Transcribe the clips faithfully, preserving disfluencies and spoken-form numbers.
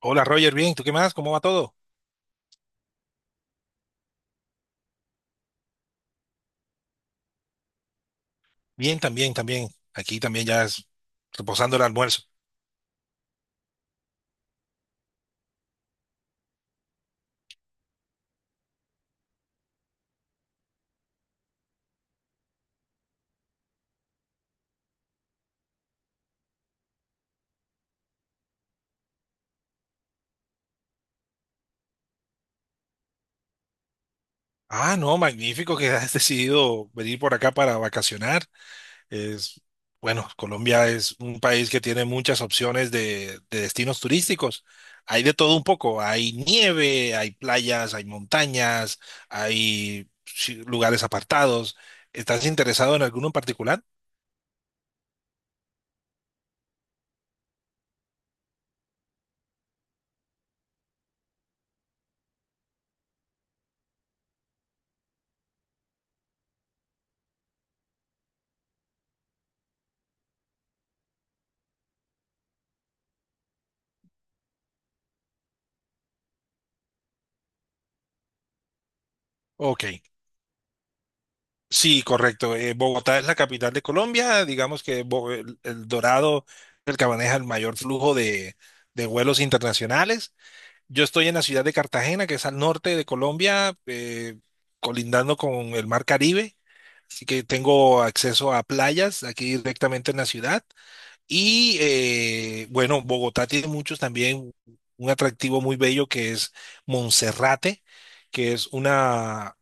Hola Roger, bien, ¿tú qué más? ¿Cómo va todo? Bien, también, también. Aquí también ya es reposando el almuerzo. Ah, no, magnífico que has decidido venir por acá para vacacionar. Es, bueno, Colombia es un país que tiene muchas opciones de, de destinos turísticos. Hay de todo un poco. Hay nieve, hay playas, hay montañas, hay sí, lugares apartados. ¿Estás interesado en alguno en particular? Ok. Sí, correcto. Eh, Bogotá es la capital de Colombia. Digamos que Bo- el, el Dorado es el que maneja el mayor flujo de, de vuelos internacionales. Yo estoy en la ciudad de Cartagena, que es al norte de Colombia, eh, colindando con el mar Caribe. Así que tengo acceso a playas aquí directamente en la ciudad. Y eh, bueno, Bogotá tiene muchos también un atractivo muy bello que es Monserrate, que es una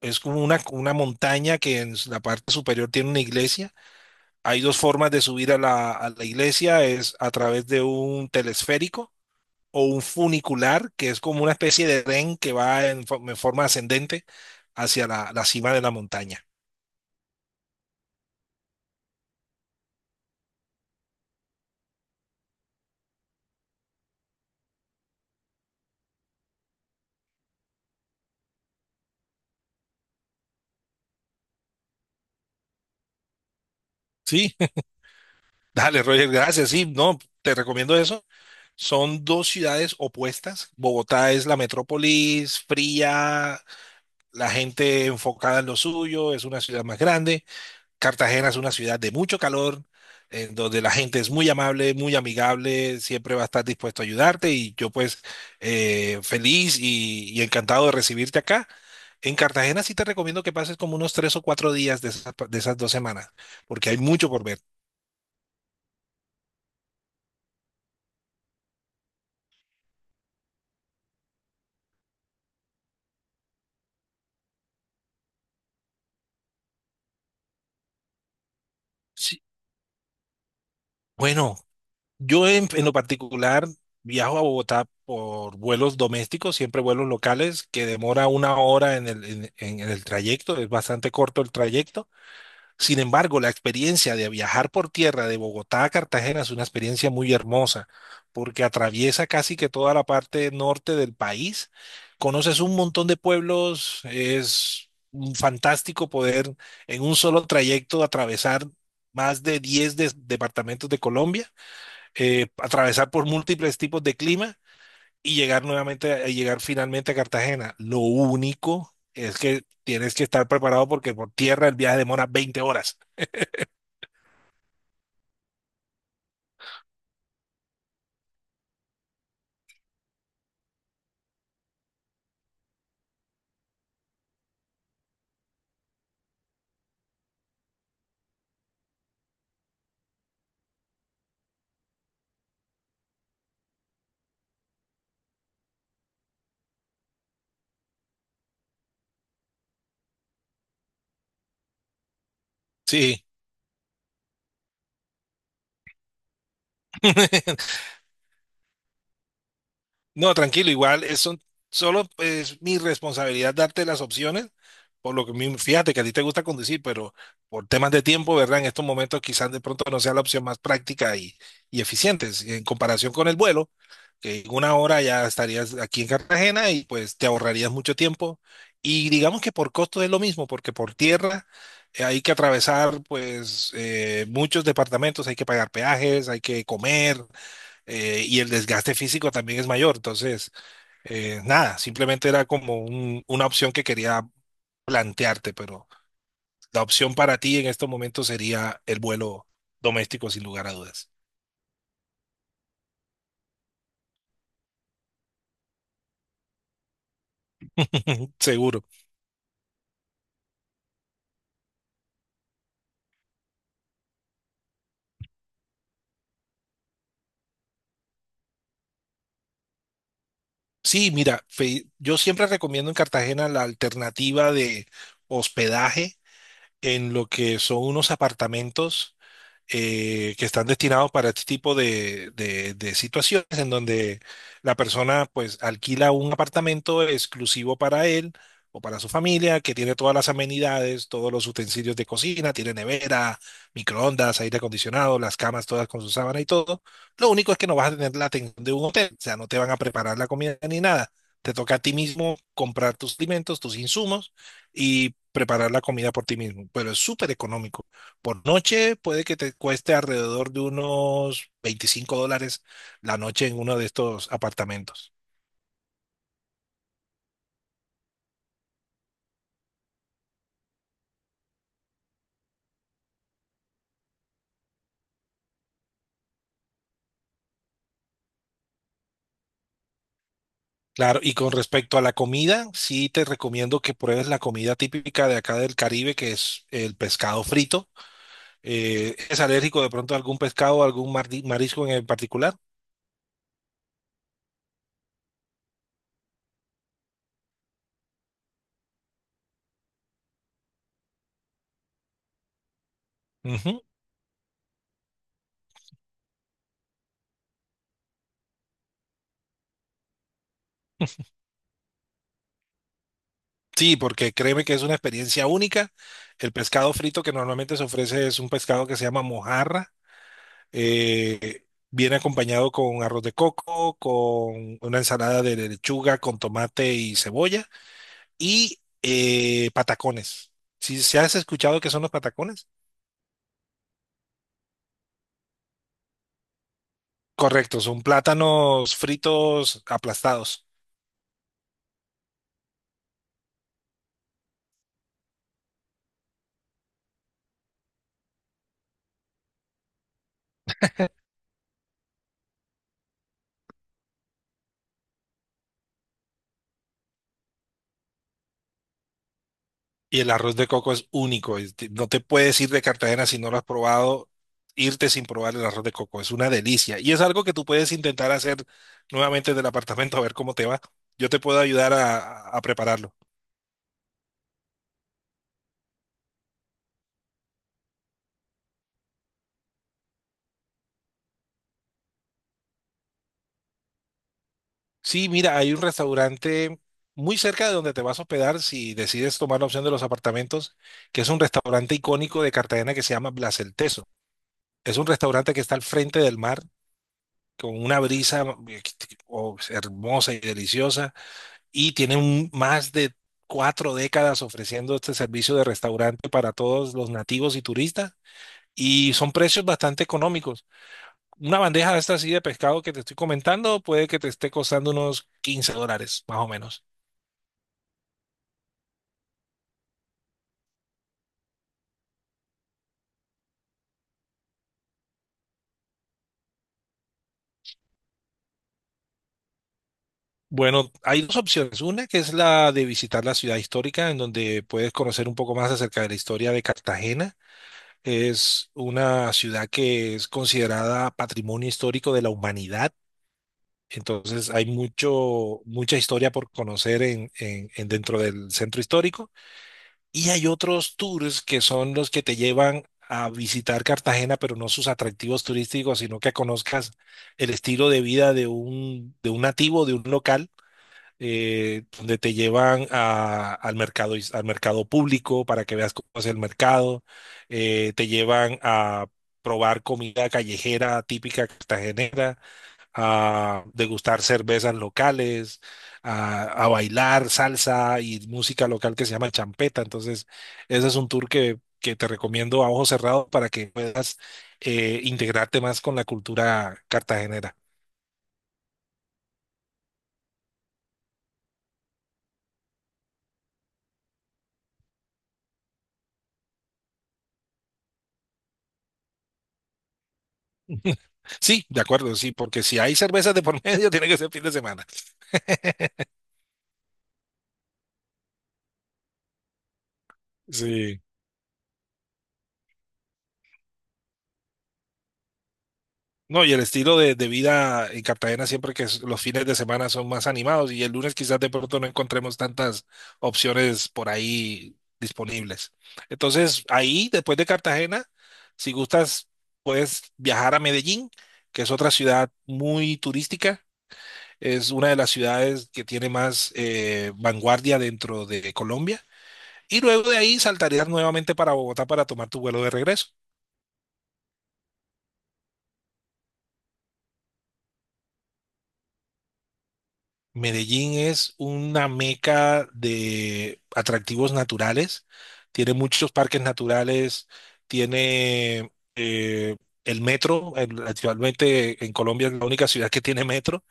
es como una, una montaña que en la parte superior tiene una iglesia. Hay dos formas de subir a la, a la iglesia, es a través de un telesférico o un funicular, que es como una especie de tren que va en, fo- en forma ascendente hacia la, la cima de la montaña. Sí, dale, Roger, gracias. Sí, no, te recomiendo eso. Son dos ciudades opuestas. Bogotá es la metrópolis fría, la gente enfocada en lo suyo, es una ciudad más grande. Cartagena es una ciudad de mucho calor, en donde la gente es muy amable, muy amigable, siempre va a estar dispuesto a ayudarte y yo pues eh, feliz y, y encantado de recibirte acá. En Cartagena sí te recomiendo que pases como unos tres o cuatro días de esas, de esas dos semanas, porque hay mucho por ver. Sí. Bueno, yo en, en lo particular viajo a Bogotá por vuelos domésticos, siempre vuelos locales, que demora una hora en el, en en el trayecto, es bastante corto el trayecto. Sin embargo, la experiencia de viajar por tierra de Bogotá a Cartagena es una experiencia muy hermosa, porque atraviesa casi que toda la parte norte del país. Conoces un montón de pueblos, es un fantástico poder en un solo trayecto atravesar más de diez des- departamentos de Colombia, eh, atravesar por múltiples tipos de clima y llegar nuevamente, a llegar finalmente a Cartagena. Lo único es que tienes que estar preparado porque por tierra el viaje demora veinte horas. Sí. No, tranquilo, igual es son- solo es mi responsabilidad darte las opciones, por lo que mi- fíjate que a ti te gusta conducir, pero por temas de tiempo, ¿verdad? En estos momentos quizás de pronto no sea la opción más práctica y, y eficiente, si- en comparación con el vuelo, que en una hora ya estarías aquí en Cartagena y pues te ahorrarías mucho tiempo. Y digamos que por costo es lo mismo, porque por tierra eh, hay que atravesar pues eh, muchos departamentos, hay que pagar peajes, hay que comer. Eh, y el desgaste físico también es mayor. Entonces, eh, nada, simplemente era como un- una opción que quería plantearte, pero la opción para ti en estos momentos sería el vuelo doméstico, sin lugar a dudas. Seguro. Sí, mira, fe- yo siempre recomiendo en Cartagena la alternativa de hospedaje en lo que son unos apartamentos eh, que están destinados para este tipo de, de- de situaciones en donde la persona pues alquila un apartamento exclusivo para él o para su familia, que tiene todas las amenidades, todos los utensilios de cocina, tiene nevera, microondas, aire acondicionado, las camas todas con su sábana y todo. Lo único es que no vas a tener la atención de un hotel, o sea, no te van a preparar la comida ni nada. Te toca a ti mismo comprar tus alimentos, tus insumos y preparar la comida por ti mismo, pero es súper económico. Por noche puede que te cueste alrededor de unos veinticinco dólares la noche en uno de estos apartamentos. Claro, y con respecto a la comida, sí te recomiendo que pruebes la comida típica de acá del Caribe, que es el pescado frito. Eh, ¿es alérgico de pronto a algún pescado, algún mardi- marisco en particular? Ujú. Sí, porque créeme que es una experiencia única. El pescado frito que normalmente se ofrece es un pescado que se llama mojarra. Eh, Viene acompañado con arroz de coco, con una ensalada de lechuga, con tomate y cebolla y eh, patacones. ¿Si, si has escuchado qué son los patacones? Correcto, son plátanos fritos aplastados. Y el arroz de coco es único. es de- No te puedes ir de Cartagena si no lo has probado, irte sin probar el arroz de coco. Es una delicia. Y es algo que tú puedes intentar hacer nuevamente del apartamento a ver cómo te va. Yo te puedo ayudar a a prepararlo. Sí, mira, hay un restaurante muy cerca de donde te vas a hospedar si decides tomar la opción de los apartamentos, que es un restaurante icónico de Cartagena que se llama Blas el Teso. Es un restaurante que está al frente del mar, con una brisa eh, oh, hermosa y deliciosa, y tiene un- más de cuatro décadas ofreciendo este servicio de restaurante para todos los nativos y turistas, y son precios bastante económicos. Una bandeja de esta así de pescado que te estoy comentando puede que te esté costando unos quince dólares, más o menos. Bueno, hay dos opciones. Una que es la de visitar la ciudad histórica, en donde puedes conocer un poco más acerca de la historia de Cartagena. Es una ciudad que es considerada patrimonio histórico de la humanidad. Entonces hay mucho, mucha historia por conocer en, en- en dentro del centro histórico. Y hay otros tours que son los que te llevan a visitar Cartagena, pero no sus atractivos turísticos, sino que conozcas el estilo de vida de un, de un nativo, de un local eh, donde te llevan a- al mercado, is- al mercado público para que veas cómo es el mercado, eh, te llevan a probar comida callejera típica cartagenera, a degustar cervezas locales, a, a bailar salsa y música local que se llama champeta. Entonces, ese es un tour que, que te recomiendo a ojos cerrados para que puedas eh, integrarte más con la cultura cartagenera. Sí, de acuerdo, sí, porque si hay cervezas de por medio, tiene que ser fin de semana. Sí. No, y el estilo de, de vida en Cartagena siempre que es- los fines de semana son más animados y el lunes quizás de pronto no encontremos tantas opciones por ahí disponibles. Entonces, ahí, después de Cartagena, si gustas, puedes viajar a Medellín, que es otra ciudad muy turística. Es una de las ciudades que tiene más eh, vanguardia dentro de Colombia. Y luego de ahí saltarías nuevamente para Bogotá para tomar tu vuelo de regreso. Medellín es una meca de atractivos naturales, tiene muchos parques naturales, tiene eh, el metro, el- actualmente en Colombia es la única ciudad que tiene metro,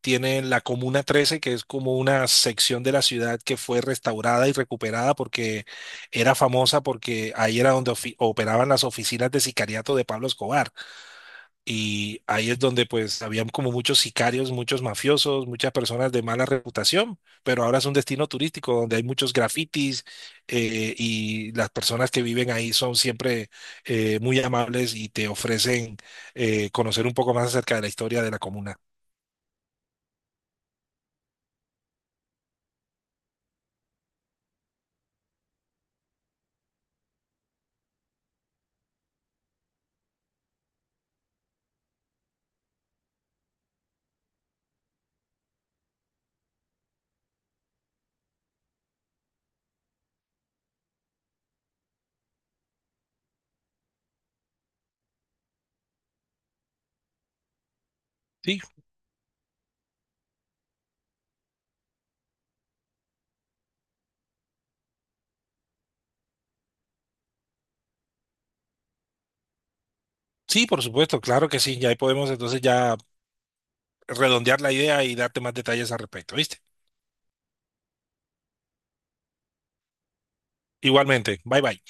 tiene la Comuna trece, que es como una sección de la ciudad que fue restaurada y recuperada porque era famosa porque ahí era donde ofi- operaban las oficinas de sicariato de Pablo Escobar. Y ahí es donde pues habían como muchos sicarios, muchos mafiosos, muchas personas de mala reputación, pero ahora es un destino turístico donde hay muchos grafitis eh, y las personas que viven ahí son siempre eh, muy amables y te ofrecen eh, conocer un poco más acerca de la historia de la comuna. Sí, sí, por supuesto, claro que sí, ya ahí podemos entonces ya redondear la idea y darte más detalles al respecto, ¿viste? Igualmente, bye bye.